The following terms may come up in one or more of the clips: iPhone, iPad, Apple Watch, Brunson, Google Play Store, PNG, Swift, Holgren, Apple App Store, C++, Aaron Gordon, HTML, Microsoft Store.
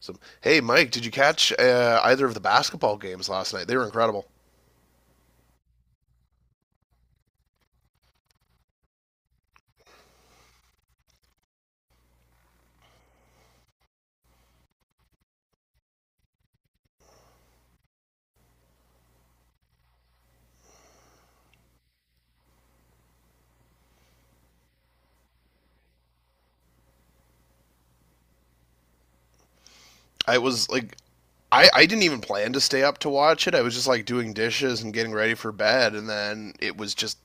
Some hey, Mike, did you catch either of the basketball games last night? They were incredible. I was like, I didn't even plan to stay up to watch it. I was just like doing dishes and getting ready for bed, and then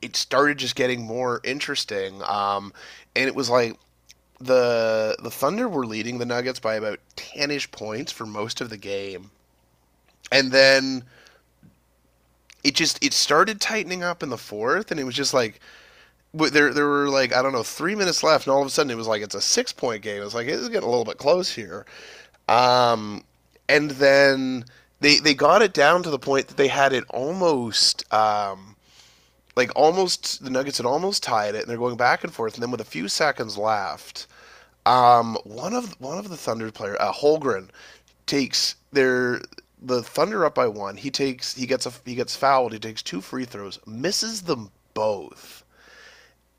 it started just getting more interesting. And it was like the Thunder were leading the Nuggets by about ten ish points for most of the game, and then it started tightening up in the fourth, and it was just like there were like I don't know 3 minutes left, and all of a sudden it was like it's a 6 point game. It's like it's getting a little bit close here. Um, and then they got it down to the point that they had it almost. Like almost the Nuggets had almost tied it, and they're going back and forth. And then with a few seconds left, one of the Thunder players, Holgren, takes the Thunder up by one. He gets fouled. He takes two free throws, misses them both.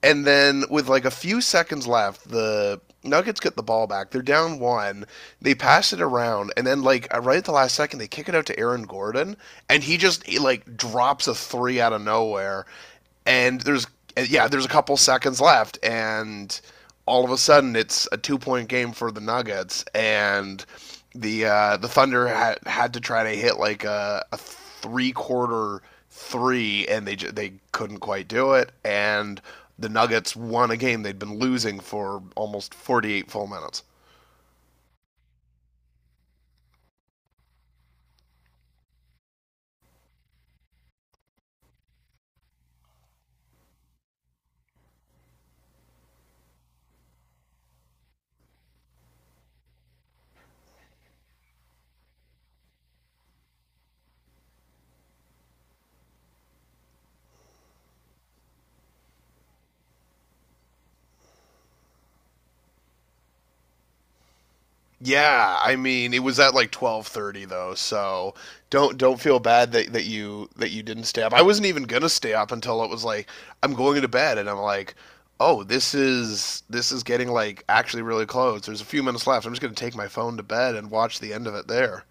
And then with like a few seconds left, the Nuggets get the ball back. They're down one. They pass it around, and then right at the last second, they kick it out to Aaron Gordon, and he, like, drops a three out of nowhere. And there's yeah, there's a couple seconds left, and all of a sudden it's a 2 point game for the Nuggets, and the Thunder had, had to try to hit like a three quarter three, and they couldn't quite do it, and the Nuggets won a game they'd been losing for almost 48 full minutes. Yeah, I mean it was at like 12:30 though, so don't feel bad that you didn't stay up. I wasn't even gonna stay up until it was like I'm going to bed and I'm like, oh, this is getting like actually really close. There's a few minutes left. I'm just gonna take my phone to bed and watch the end of it there.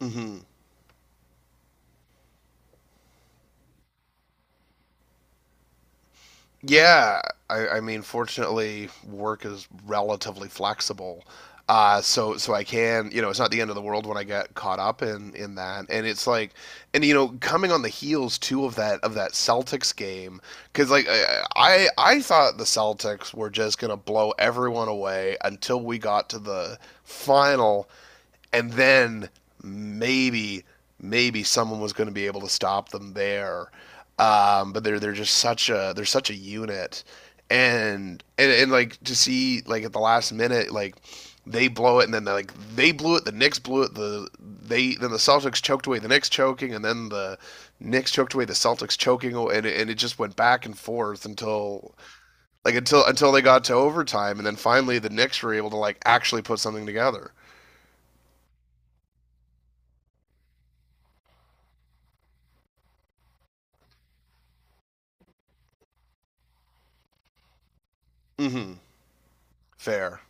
Hmm. Yeah, I mean, fortunately, work is relatively flexible. So I can, you know, it's not the end of the world when I get caught up in that. And it's like, and you know, coming on the heels too of that Celtics game, because like I thought the Celtics were just gonna blow everyone away until we got to the final, and then maybe someone was going to be able to stop them there. But they're just such a they're such a unit, and like to see like at the last minute like they blow it and then like the Knicks blew it they then the Celtics choked away the Knicks choking and then the Knicks choked away the Celtics choking and it just went back and forth until like until they got to overtime and then finally the Knicks were able to like actually put something together. Mm-hmm. Fair.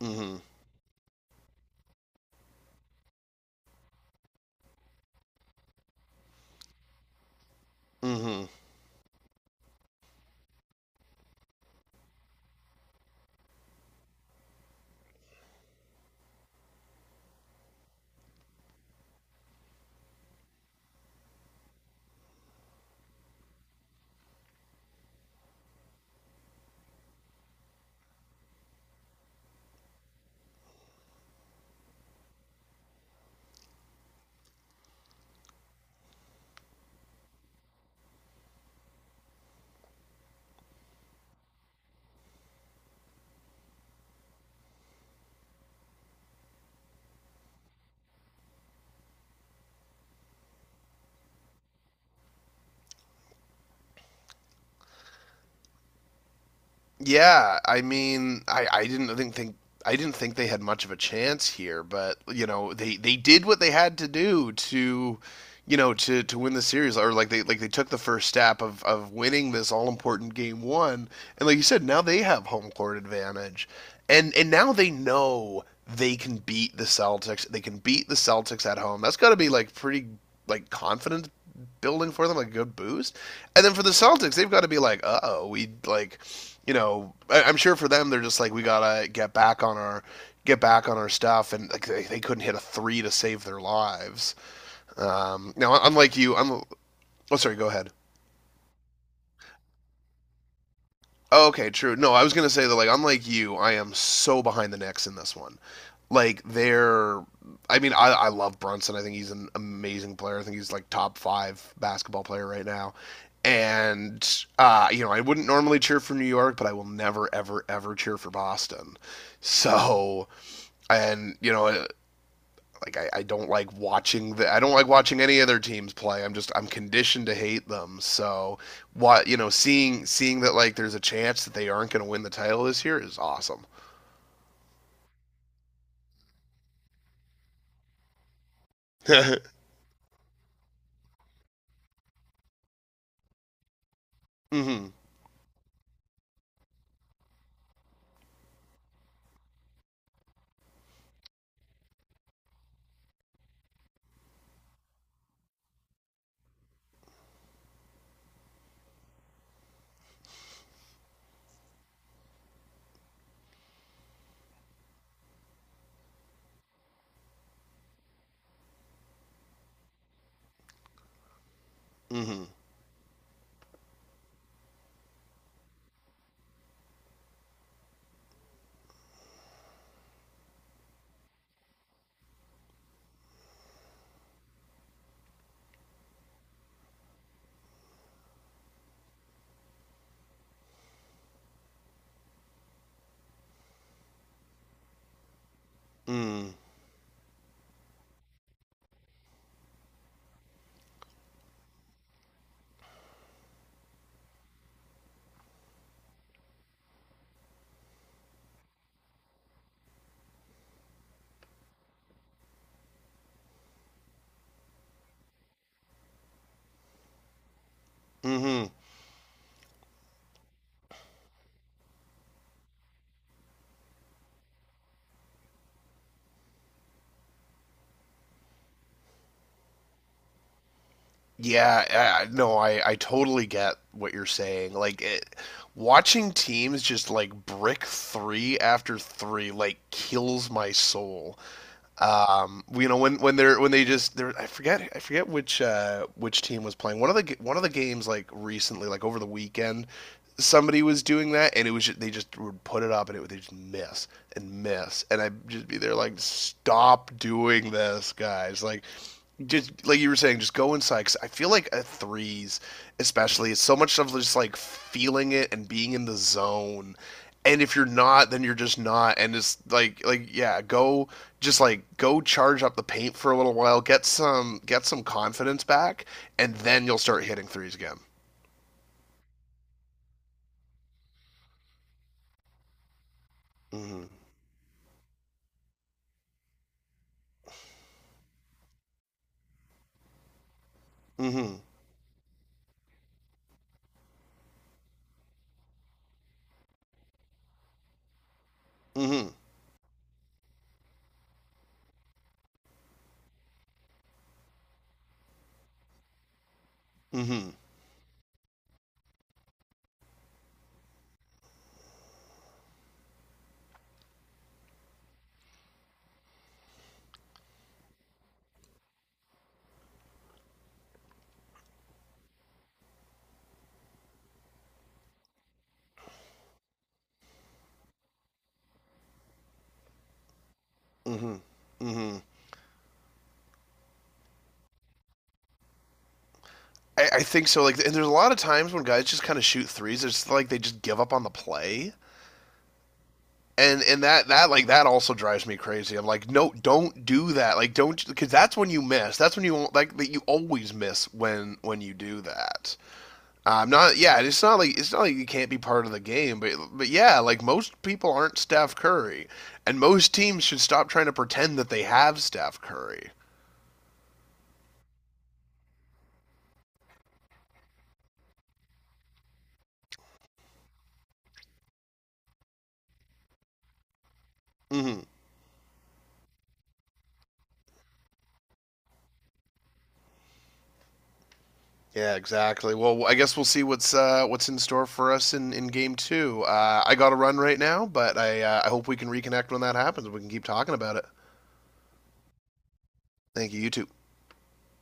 Hmm. Hmm. Yeah, I mean, I didn't I didn't think they had much of a chance here, but you know, they did what they had to do to you know, to win the series, or like they took the first step of winning this all important game one, and like you said, now they have home court advantage, and now they know they can beat the Celtics. They can beat the Celtics at home. That's got to be like pretty like confident building for them, like a good boost. And then for the Celtics, they've got to be like, uh oh, we like, you know, I'm sure for them they're just like we gotta get back on our stuff, and like they couldn't hit a three to save their lives. Now, unlike you, I'm. Oh, sorry. Go ahead. Oh, okay, true. No, I was gonna say that like unlike you, I am so behind the Knicks in this one. Like they're. I mean, I love Brunson. I think he's an amazing player. I think he's like top five basketball player right now. And you know, I wouldn't normally cheer for New York, but I will never, ever, ever cheer for Boston. So, and you know, like I don't like watching the I don't like watching any other teams play. I'm conditioned to hate them. So what you know, seeing that like there's a chance that they aren't going to win the title this year is awesome. Mhm. Mhm. Mhm. Mhm. Yeah, no, I totally get what you're saying. Like it, watching teams just like brick 3 after 3 like kills my soul. Well, you know when they're when they just they're I forget which team was playing one of the games like recently like over the weekend somebody was doing that and it was just, they just would put it up and it would they just miss and miss and I'd just be there like stop doing this guys like just like you were saying, just go inside. 'Cause I feel like at threes, especially, it's so much of just like feeling it and being in the zone, and if you're not then you're just not, and it's like yeah go just like go charge up the paint for a little while, get some confidence back and then you'll start hitting threes again. Mhm. Mhm. mhm mhm mhm mhm I think so like, and there's a lot of times when guys just kind of shoot threes it's like they just give up on the play, and that like that also drives me crazy. I'm like, no, don't do that. Like, don't because that's when you miss. That's when you like that you always miss when you do that. I'm not. Yeah, it's not like you can't be part of the game, but yeah, like most people aren't Steph Curry, and most teams should stop trying to pretend that they have Steph Curry. Hmm. Yeah, exactly. Well, I guess we'll see what's in store for us in game two. I got to run right now, but I hope we can reconnect when that happens. We can keep talking about it. Thank you. You too.